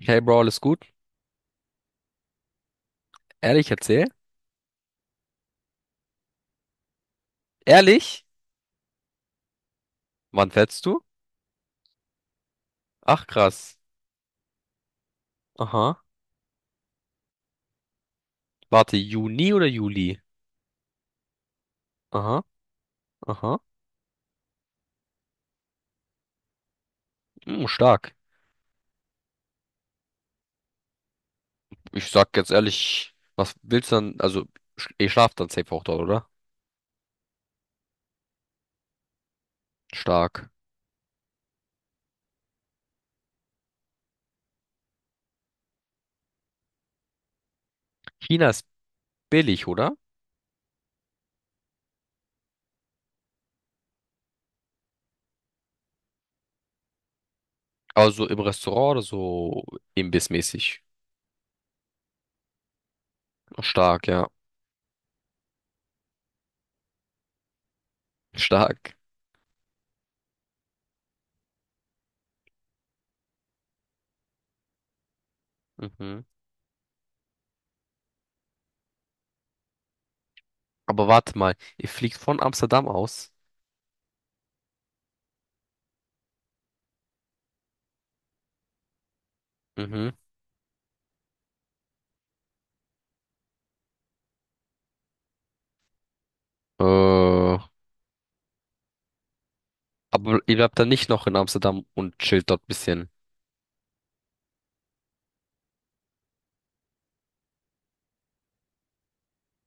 Hey Bro, alles gut? Ehrlich, erzähl. Ehrlich? Wann fährst du? Ach krass. Aha. Warte, Juni oder Juli? Aha, aha. Hm, stark. Ich sag jetzt ehrlich, was willst du dann? Also, ihr schlaft dann safe auch dort, oder? Stark. China ist billig, oder? Also im Restaurant oder so imbissmäßig. Stark, ja. Stark. Mhm. Aber warte mal, ihr fliegt von Amsterdam aus? Mhm. Äh, aber ihr bleibt dann nicht noch in Amsterdam und chillt dort ein bisschen.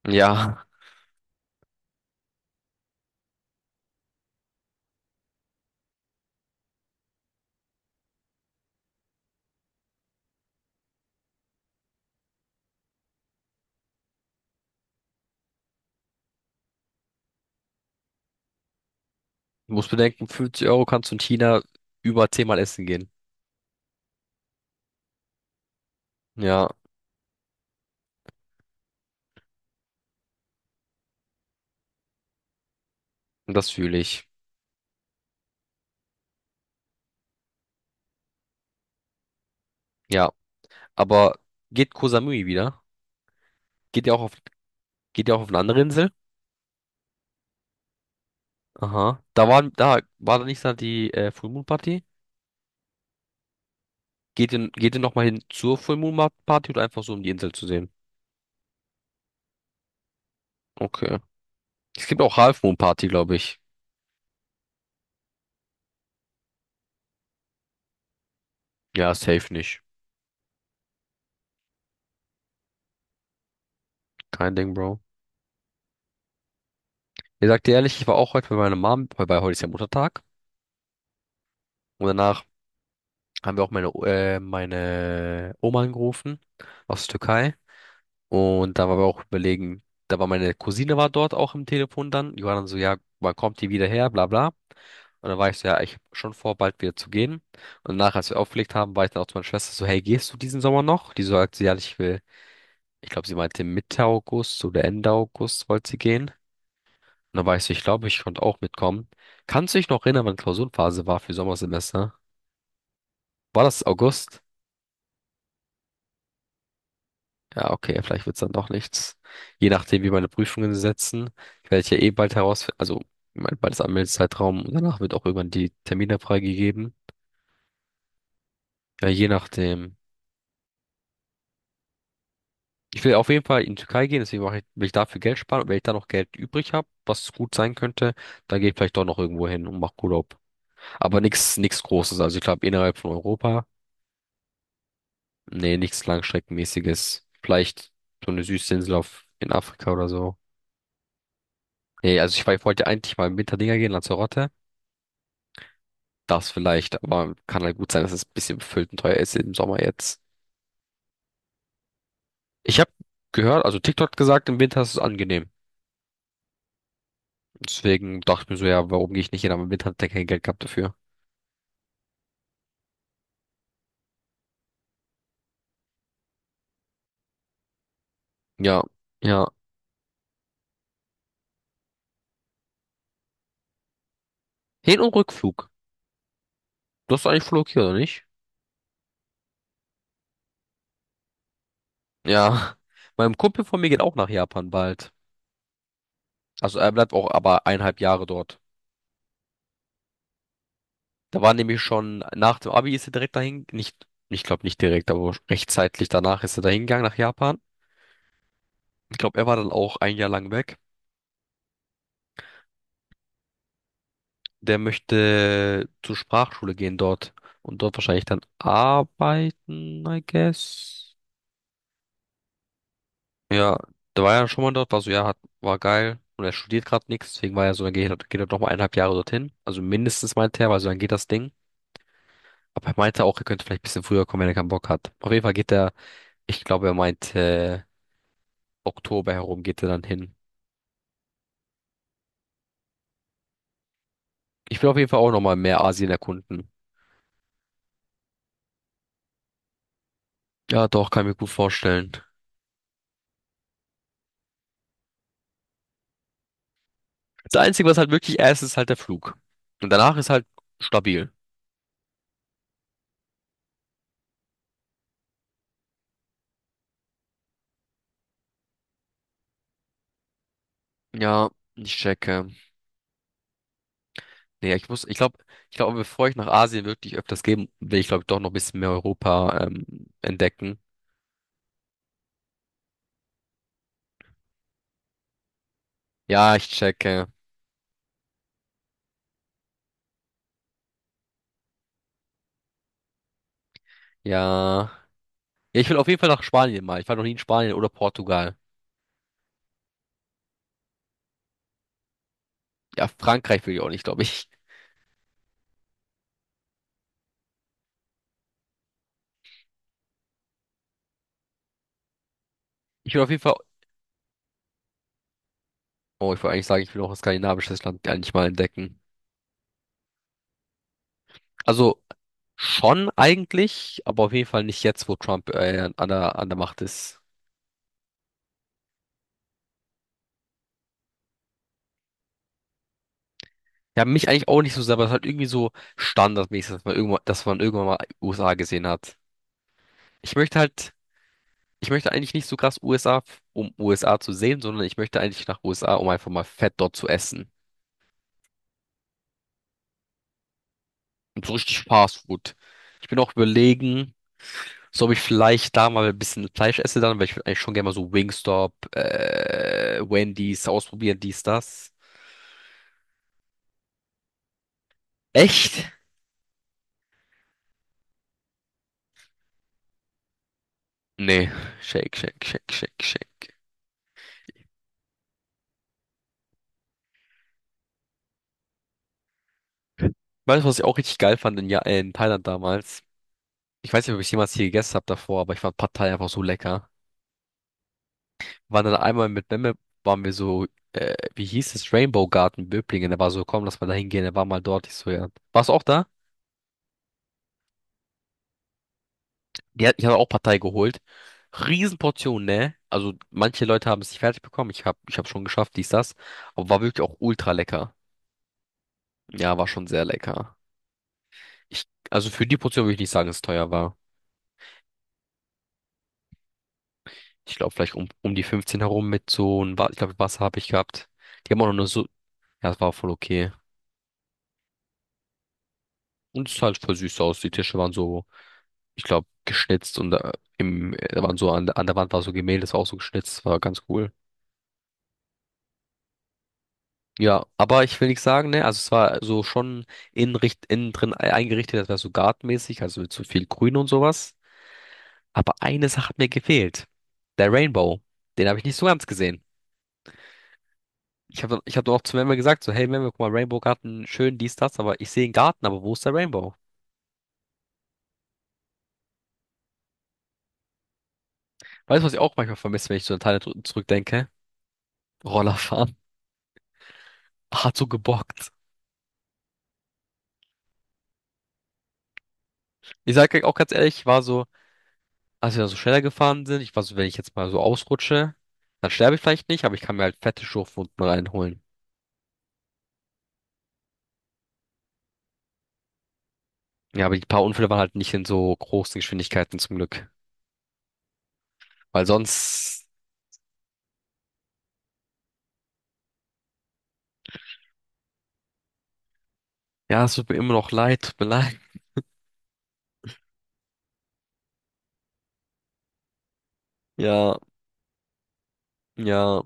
Ja, du musst bedenken, 50€ kannst du in China über 10 Mal essen gehen. Ja, das fühle ich. Ja, aber geht Koh Samui wieder? Geht ihr auch auf, Geht ihr auch auf eine andere Insel? Aha. Da war da nicht da die Full Moon Party? Geht ihr nochmal hin zur Full Moon Party oder einfach so, um die Insel zu sehen? Okay. Es gibt auch Half Moon Party, glaube ich. Ja, safe nicht. Kein Ding, Bro. Ich sag dir ehrlich, ich war auch heute bei meiner Mom, weil bei heute ist ja Muttertag. Und danach haben wir auch meine Oma angerufen aus der Türkei. Und da waren wir auch überlegen, da war meine Cousine war dort auch im Telefon dann. Die war dann so, ja, wann kommt die wieder her, bla bla. Und dann war ich so, ja, ich hab schon vor, bald wieder zu gehen. Und danach, als wir aufgelegt haben, war ich dann auch zu meiner Schwester so, hey, gehst du diesen Sommer noch? Die so, sagt sie, ja, ich will, ich glaube, sie meinte Mitte August oder Ende August wollte sie gehen. Und dann war ich so, ich glaube, ich konnte auch mitkommen. Kannst du dich noch erinnern, wann Klausurenphase war für Sommersemester? War das August? Ja, okay, vielleicht wird's dann doch nichts. Je nachdem, wie meine Prüfungen setzen. Ich werde ja eh bald herausfinden, also mein bald ist Anmeldezeitraum und danach wird auch irgendwann die Termine freigegeben. Ja, je nachdem. Ich will auf jeden Fall in die Türkei gehen, deswegen mache ich, will ich dafür Geld sparen. Und wenn ich da noch Geld übrig habe, was gut sein könnte, dann gehe ich vielleicht doch noch irgendwo hin und mache Urlaub. Aber nichts Großes. Also ich glaube innerhalb von Europa, nee, nichts Langstreckenmäßiges. Vielleicht so eine Süßinsel auf, in Afrika oder so. Nee, also ich, war- ich wollte eigentlich mal im Winterdinger gehen, Lanzarote. Das vielleicht, aber kann halt gut sein, dass es ein bisschen befüllt und teuer ist im Sommer jetzt. Ich habe gehört, also TikTok hat gesagt, im Winter ist es angenehm. Deswegen dachte ich mir so, ja, warum gehe ich nicht hin? Aber im Winter hat er kein Geld gehabt dafür. Ja, ja. Hin- und Rückflug. Du hast eigentlich Flug hier, oder nicht? Ja. Mein Kumpel von mir geht auch nach Japan bald. Also er bleibt auch aber eineinhalb Jahre dort. Da war nämlich schon, nach dem Abi ist er direkt dahin, nicht, ich glaube nicht direkt, aber rechtzeitig danach ist er dahin gegangen nach Japan. Ich glaube, er war dann auch ein Jahr lang weg. Der möchte zur Sprachschule gehen dort und dort wahrscheinlich dann arbeiten, I guess. Ja, der war ja schon mal dort, war so, ja, hat, war geil. Und er studiert gerade nichts, deswegen war er so, dann geht er noch mal eineinhalb Jahre dorthin. Also mindestens meinte er, weil so dann geht das Ding. Aber er meinte auch, er könnte vielleicht ein bisschen früher kommen, wenn er keinen Bock hat. Auf jeden Fall geht er, ich glaube, er meinte, Oktober herum geht er dann hin. Ich will auf jeden Fall auch nochmal mehr Asien erkunden. Ja, doch, kann ich mir gut vorstellen. Das Einzige, was halt wirklich erst ist, ist halt der Flug. Und danach ist halt stabil. Ja, ich checke. Nee, ich muss, ich glaube, bevor ich nach Asien wirklich öfters gehe, will ich, glaube ich, doch noch ein bisschen mehr Europa entdecken. Ja, ich checke. Ja. Ja, ich will auf jeden Fall nach Spanien mal. Ich war noch nie in Spanien oder Portugal. Ja, Frankreich will ich auch nicht, glaube ich. Ich will auf jeden Fall, oh, ich wollte eigentlich sagen, ich will auch ein skandinavisches Land eigentlich mal entdecken. Also schon eigentlich, aber auf jeden Fall nicht jetzt, wo Trump an an der Macht ist. Ja, mich eigentlich auch nicht so sehr, aber es ist halt irgendwie so standardmäßig, dass man irgendwann mal USA gesehen hat. Ich möchte halt, ich möchte eigentlich nicht so krass um USA zu sehen, sondern ich möchte eigentlich nach USA, um einfach mal fett dort zu essen. Und so richtig Fast Food. Ich bin auch überlegen, so ob ich vielleicht da mal ein bisschen Fleisch esse dann, weil ich würde eigentlich schon gerne mal so Wendy's ausprobieren, dies, das. Echt? Nee. Shake, shake, shake, shake, shake. Weißt du, was ich auch richtig geil fand in, ja in Thailand damals? Ich weiß nicht, ob ich jemals hier gegessen habe davor, aber ich fand Pad Thai einfach so lecker. Waren dann einmal mit Memme, waren wir so, wie hieß es, Rainbow Garden Böblingen. Er war so, komm, lass mal da hingehen. Er war mal dort. Ich so, ja. Warst du auch da? Ja, ich hatte auch Partei geholt. Riesenportion, ne? Also manche Leute haben es nicht fertig bekommen. Ich hab schon geschafft, dies, das. Aber war wirklich auch ultra lecker. Ja, war schon sehr lecker. Ich, also für die Portion würde ich nicht sagen, dass es teuer war. Ich glaube, vielleicht um die 15 herum mit so ich glaube, Wasser habe ich gehabt. Die haben auch noch nur so, ja, es war voll okay. Und es sah halt voll süß aus. Die Tische waren so ich glaube, geschnitzt und da waren so an der Wand war so Gemälde, das war auch so geschnitzt, war ganz cool. Ja, aber ich will nicht sagen, ne, also es war so schon innen drin eingerichtet, das war so gartenmäßig, also mit so viel Grün und sowas. Aber eine Sache hat mir gefehlt. Der Rainbow. Den habe ich nicht so ganz gesehen. Ich hab auch zu Memme gesagt, so, hey Memme, guck mal, Rainbow Garten, schön, dies, das, aber ich sehe einen Garten, aber wo ist der Rainbow? Weißt du, was ich auch manchmal vermisse, wenn ich so an Thailand zurückdenke? Rollerfahren. Hat so gebockt. Ich sage auch ganz ehrlich, ich war so, als wir da so schneller gefahren sind, ich war so, wenn ich jetzt mal so ausrutsche, dann sterbe ich vielleicht nicht, aber ich kann mir halt fette Schürfwunden reinholen. Ja, aber die paar Unfälle waren halt nicht in so großen Geschwindigkeiten zum Glück. Weil sonst, ja, es tut mir immer noch leid, tut mir leid. Ja, ja,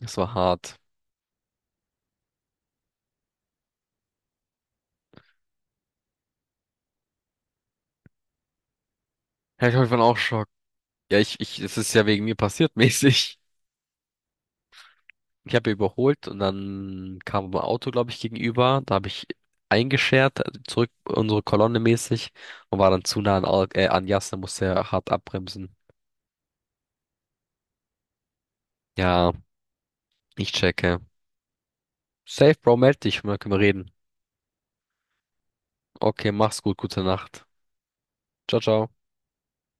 es war hart. Ja, ich hoffe, ich war auch Schock. Ja, es ist ja wegen mir passiert mäßig. Ich habe überholt und dann kam ein Auto, glaube ich, gegenüber. Da habe ich eingeschert, also zurück unsere Kolonne mäßig und war dann zu nah an, an Jas, da musste er hart abbremsen. Ja, ich checke. Safe, Bro, meld dich, können wir reden. Okay, mach's gut, gute Nacht. Ciao, ciao.